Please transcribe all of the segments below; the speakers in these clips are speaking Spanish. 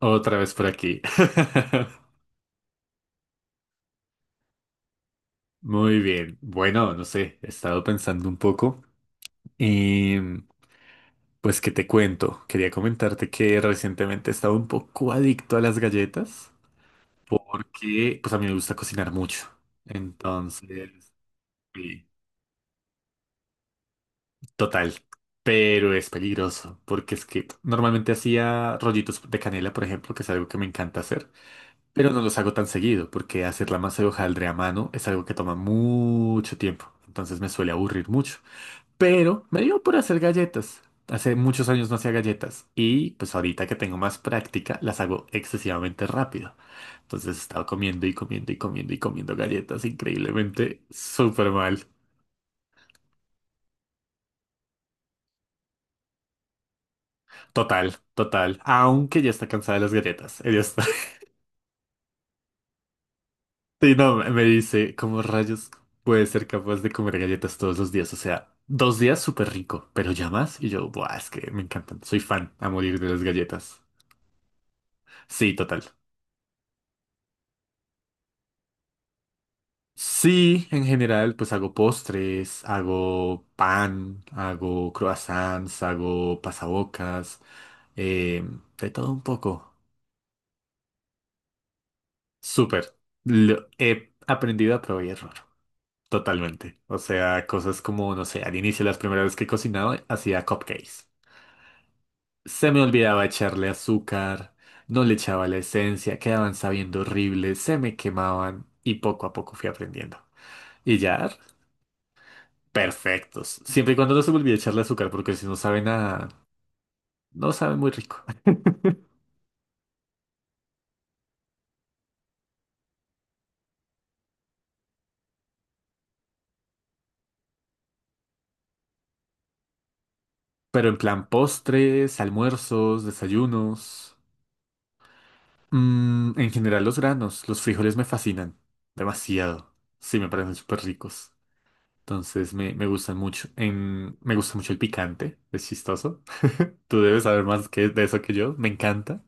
Otra vez por aquí. Muy bien. Bueno, no sé, he estado pensando un poco y pues qué te cuento. Quería comentarte que recientemente he estado un poco adicto a las galletas porque pues a mí me gusta cocinar mucho. Entonces, sí, total. Pero es peligroso porque es que normalmente hacía rollitos de canela, por ejemplo, que es algo que me encanta hacer. Pero no los hago tan seguido, porque hacer la masa de hojaldre a mano es algo que toma mucho tiempo, entonces me suele aburrir mucho. Pero me dio por hacer galletas. Hace muchos años no hacía galletas y pues ahorita que tengo más práctica las hago excesivamente rápido. Entonces he estado comiendo y comiendo y comiendo y comiendo galletas increíblemente súper mal. Total, total. Aunque ya está cansada de las galletas. Ella está. Sí, no, me dice, ¿cómo rayos puede ser capaz de comer galletas todos los días? O sea, 2 días súper rico, pero ya más. Y yo, buah, es que me encantan. Soy fan a morir de las galletas. Sí, total. Sí, en general, pues hago postres, hago pan, hago croissants, hago pasabocas, eh, de todo un poco. Súper. He aprendido a probar y error. Totalmente. O sea, cosas como, no sé, al inicio, las primeras veces que cocinaba, hacía cupcakes. Se me olvidaba echarle azúcar, no le echaba la esencia, quedaban sabiendo horrible, se me quemaban y poco a poco fui aprendiendo. Y ya, perfectos. Siempre y cuando no se me olvide echarle azúcar, porque si no sabe nada, no sabe muy rico. Pero en plan postres, almuerzos, desayunos. En general los granos, los frijoles me fascinan demasiado. Sí, me parecen súper ricos. Entonces me gustan mucho. Me gusta mucho el picante, es chistoso. Tú debes saber más que, de eso que yo, me encanta.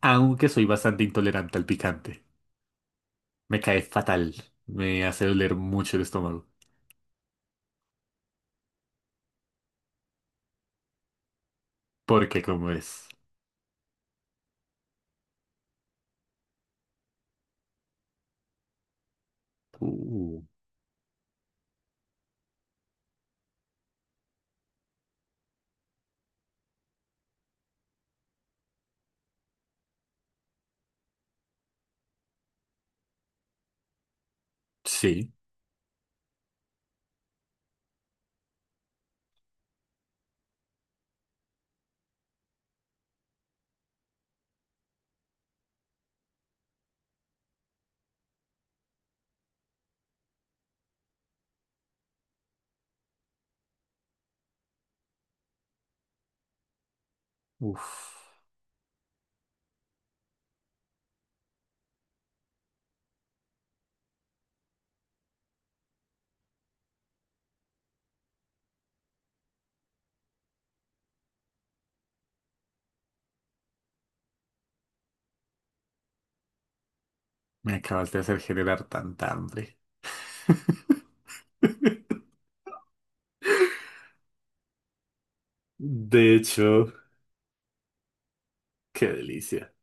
Aunque soy bastante intolerante al picante. Me cae fatal. Me hace doler mucho el estómago. Porque como es. Uh, Sí. Uf, me acabas de hacer generar tanta hambre. De hecho, qué delicia.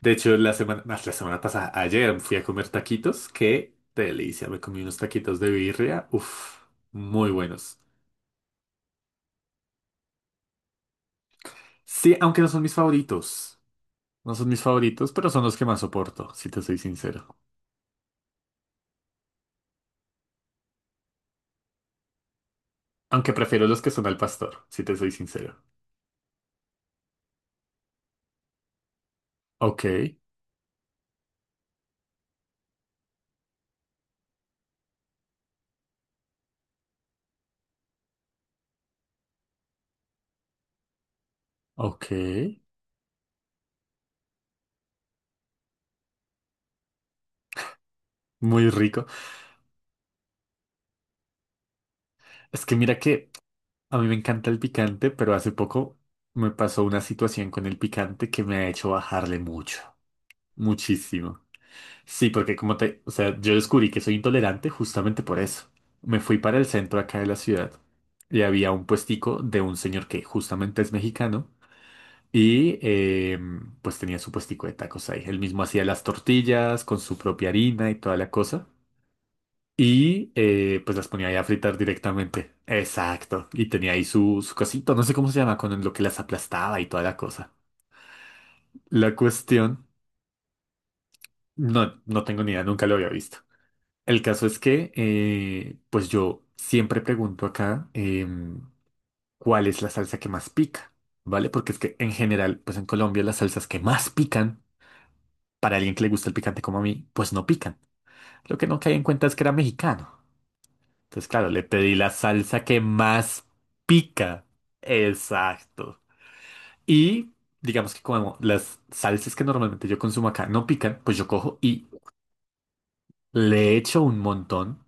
De hecho, más la semana pasada, ayer fui a comer taquitos. Qué delicia. Me comí unos taquitos de birria. Uf, muy buenos. Sí, aunque no son mis favoritos. No son mis favoritos, pero son los que más soporto, si te soy sincero. Aunque prefiero los que son al pastor, si te soy sincero. Ok, ok. Muy rico. Es que mira que a mí me encanta el picante, pero hace poco me pasó una situación con el picante que me ha hecho bajarle mucho. Muchísimo. Sí, porque como te, o sea, yo descubrí que soy intolerante justamente por eso. Me fui para el centro acá de la ciudad y había un puestico de un señor que justamente es mexicano y pues tenía su puestico de tacos ahí. Él mismo hacía las tortillas con su propia harina y toda la cosa y pues las ponía ahí a fritar directamente. Exacto. Y tenía ahí su cosito, no sé cómo se llama, con lo que las aplastaba y toda la cosa. La cuestión, no, no tengo ni idea, nunca lo había visto. El caso es que, pues yo siempre pregunto acá cuál es la salsa que más pica, ¿vale? Porque es que en general, pues en Colombia las salsas que más pican, para alguien que le gusta el picante como a mí, pues no pican. Lo que no caí en cuenta es que era mexicano. Entonces, claro, le pedí la salsa que más pica. Exacto. Y digamos que como las salsas que normalmente yo consumo acá no pican, pues yo cojo y le echo un montón.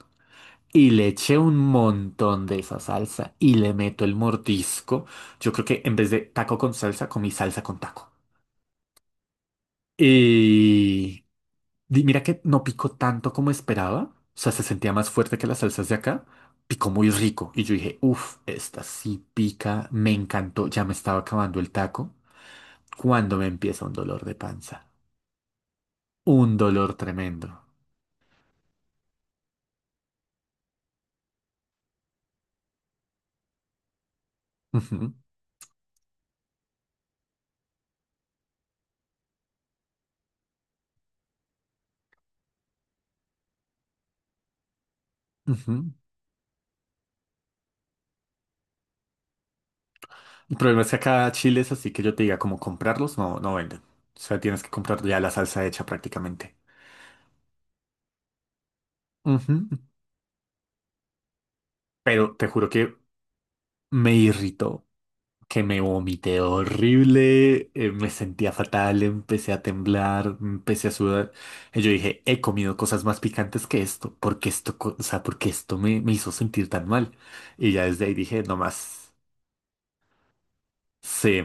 Y le eché un montón de esa salsa y le meto el mordisco. Yo creo que en vez de taco con salsa, comí salsa con taco. Y mira que no picó tanto como esperaba. O sea, se sentía más fuerte que las salsas de acá. Picó muy rico. Y yo dije, uff, esta sí pica. Me encantó. Ya me estaba acabando el taco. Cuando me empieza un dolor de panza. Un dolor tremendo. Ujú, ujú. El problema es que acá Chile es así que yo te diga como comprarlos, no, no venden. O sea, tienes que comprar ya la salsa hecha prácticamente. Ujú. Pero te juro que me irritó, que me vomité horrible, me sentía fatal, empecé a temblar, empecé a sudar. Y yo dije, he comido cosas más picantes que esto, porque esto, o sea, porque esto me hizo sentir tan mal. Y ya desde ahí dije, no más. Sí.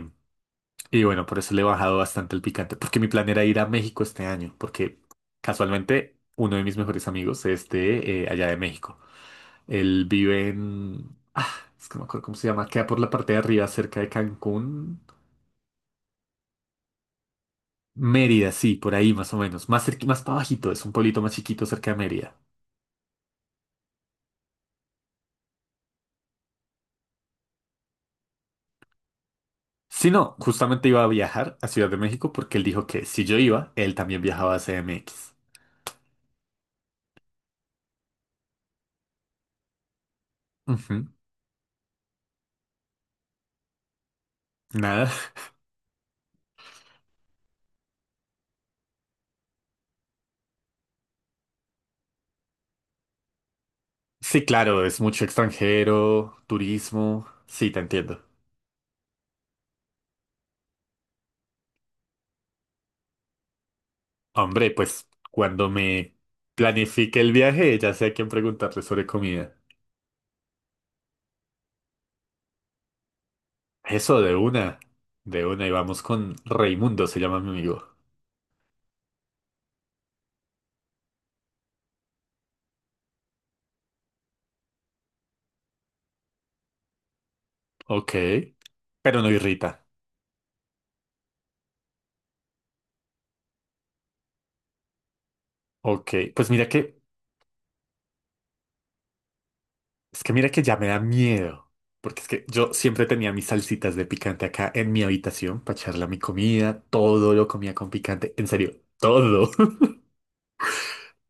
Y bueno, por eso le he bajado bastante el picante, porque mi plan era ir a México este año, porque casualmente uno de mis mejores amigos es de allá de México. Él vive en... Ah, es que no me acuerdo cómo se llama, queda por la parte de arriba, cerca de Cancún. Mérida, sí, por ahí más o menos, más más para bajito, es un pueblito más chiquito cerca de Mérida. Si no, justamente iba a viajar a Ciudad de México porque él dijo que si yo iba, él también viajaba a CDMX. Ujú, nada. Sí, claro, es mucho extranjero, turismo. Sí, te entiendo. Hombre, pues cuando me planifique el viaje, ya sé a quién preguntarle sobre comida. Eso, de una. De una, y vamos con Raimundo, se llama mi amigo. Ok. Pero no irrita. Ok. Es que mira que ya me da miedo. Porque es que yo siempre tenía mis salsitas de picante acá en mi habitación para echarle a mi comida. Todo lo comía con picante. En serio, todo.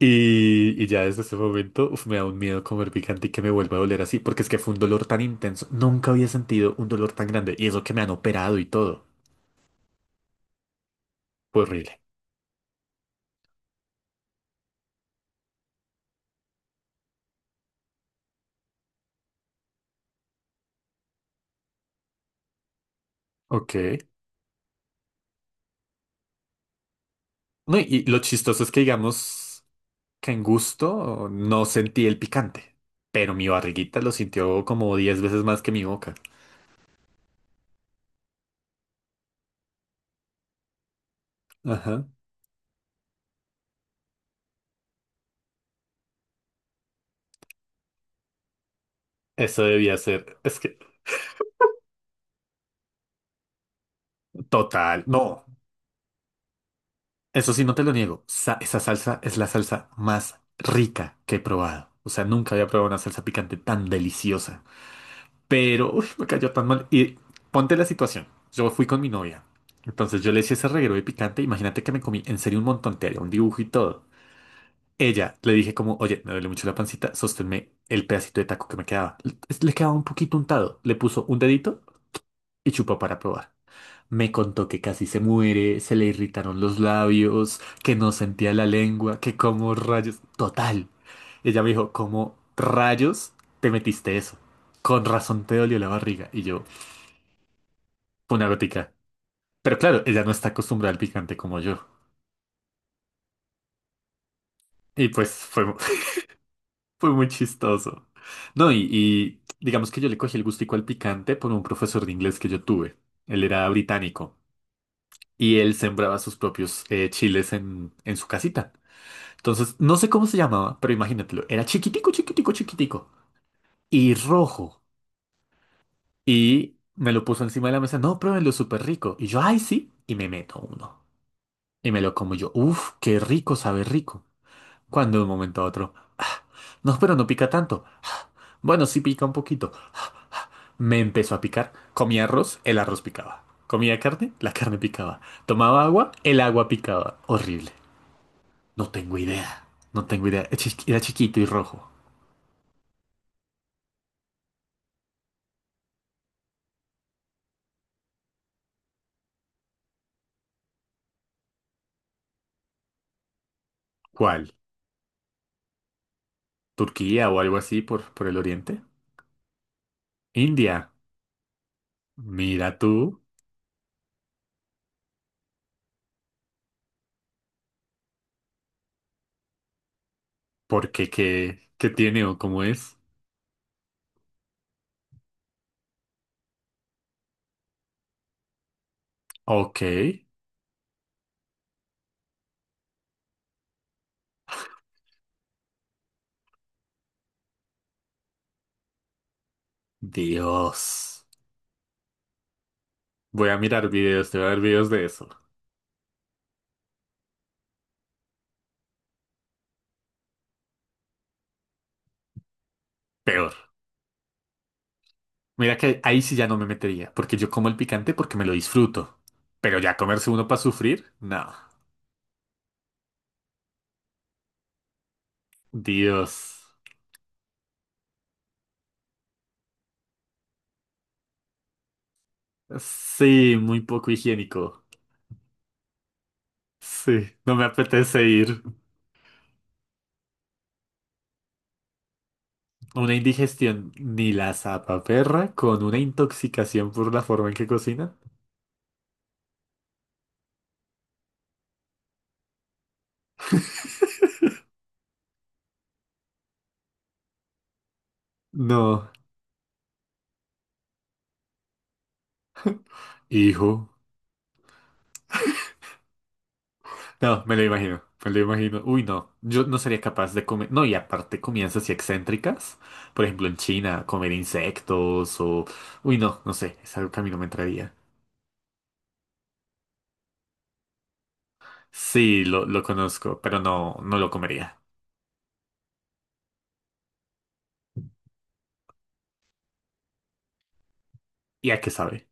Y ya desde ese momento, uf, me da un miedo comer picante y que me vuelva a doler así, porque es que fue un dolor tan intenso. Nunca había sentido un dolor tan grande y eso que me han operado y todo. Fue horrible. Ok. No, y lo chistoso es que digamos que en gusto no sentí el picante, pero mi barriguita lo sintió como 10 veces más que mi boca. Ajá. Eso debía ser, es que, total, no. Eso sí, no te lo niego. Esa salsa es la salsa más rica que he probado. O sea, nunca había probado una salsa picante tan deliciosa. Pero, uy, me cayó tan mal. Y ponte la situación. Yo fui con mi novia. Entonces yo le hice ese reguero de picante. Imagínate que me comí en serio un montón. Te haría un dibujo y todo. Ella le dije como, oye, me duele mucho la pancita. Sosténme el pedacito de taco que me quedaba. Le quedaba un poquito untado. Le puso un dedito y chupó para probar. Me contó que casi se muere, se le irritaron los labios, que no sentía la lengua, que como rayos... Total. Ella me dijo, ¿cómo rayos te metiste eso? Con razón te dolió la barriga. Y yo, fue una gotica. Pero claro, ella no está acostumbrada al picante como yo. Y pues fue, fue muy chistoso. No, y digamos que yo le cogí el gustico al picante por un profesor de inglés que yo tuve. Él era británico y él sembraba sus propios chiles en su casita. Entonces, no sé cómo se llamaba, pero imagínatelo. Era chiquitico, chiquitico, chiquitico. Y rojo. Y me lo puso encima de la mesa. No, pruébenlo, súper rico. Y yo, ay, sí. Y me meto uno. Y me lo como yo. Uf, qué rico, sabe rico. Cuando de un momento a otro. "Ah, no, pero no pica tanto. Ah, bueno, sí pica un poquito. Ah, ah". Me empezó a picar. Comía arroz, el arroz picaba. Comía carne, la carne picaba. Tomaba agua, el agua picaba. Horrible. No tengo idea. No tengo idea. Era era chiquito y rojo. ¿Cuál? Turquía o algo así por el oriente. India, mira tú, porque qué tiene o cómo es. Ok, Dios. Voy a mirar videos, te voy a ver videos de eso. Peor. Mira que ahí sí ya no me metería, porque yo como el picante porque me lo disfruto. Pero ya comerse uno para sufrir, no. Dios. Sí, muy poco higiénico. Sí, no me apetece ir. Una indigestión ni la zapaperra con una intoxicación por la forma en que cocina. No, hijo. No, me lo imagino, me lo imagino. Uy, no, yo no sería capaz de comer. No, y aparte comidas así excéntricas. Por ejemplo, en China, comer insectos o... Uy, no, no sé, es algo que a mí no me entraría. Sí, lo conozco, pero no, no lo comería. ¿Y a qué sabe?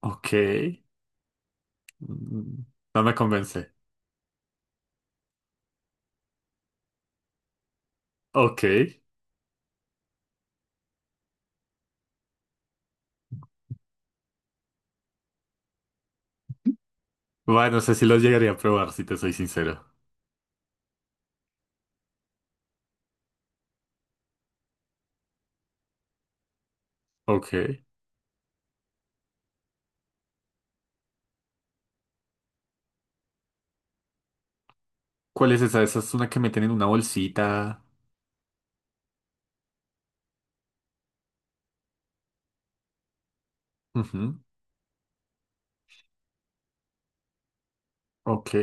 Ok. mm, No me convence. Ok. Bueno, no sé si lo llegaría a probar, si te soy sincero. Ok. ¿Cuál es esa? Esa es una que meten en una bolsita. Ujú, ok.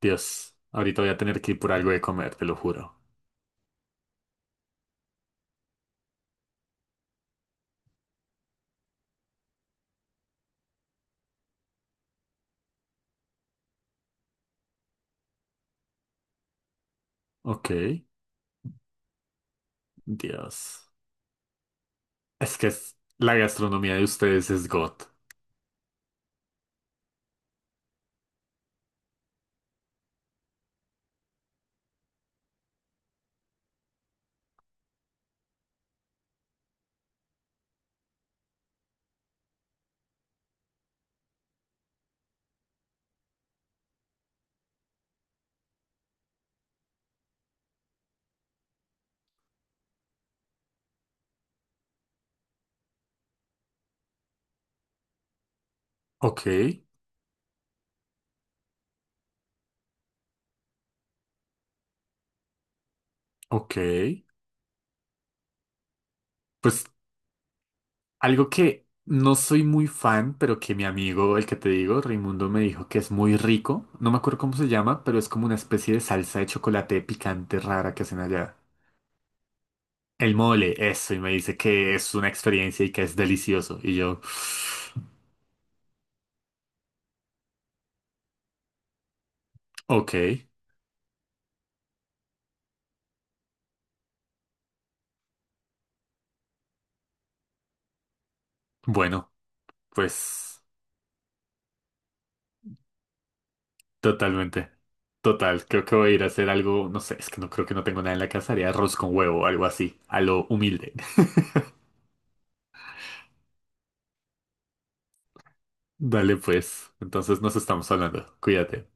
Dios, ahorita voy a tener que ir por algo de comer, te lo juro. Ok, Dios. Es que la gastronomía de ustedes es God. Ok, ok. Pues algo que no soy muy fan, pero que mi amigo, el que te digo, Raimundo, me dijo que es muy rico. No me acuerdo cómo se llama, pero es como una especie de salsa de chocolate picante rara que hacen allá. El mole, eso, y me dice que es una experiencia y que es delicioso. Y yo, ok, bueno, pues. Totalmente. Total, creo que voy a ir a hacer algo, no sé, es que no creo que no tengo nada en la casa, haré arroz con huevo o algo así, a lo humilde. Dale pues, entonces nos estamos hablando, cuídate.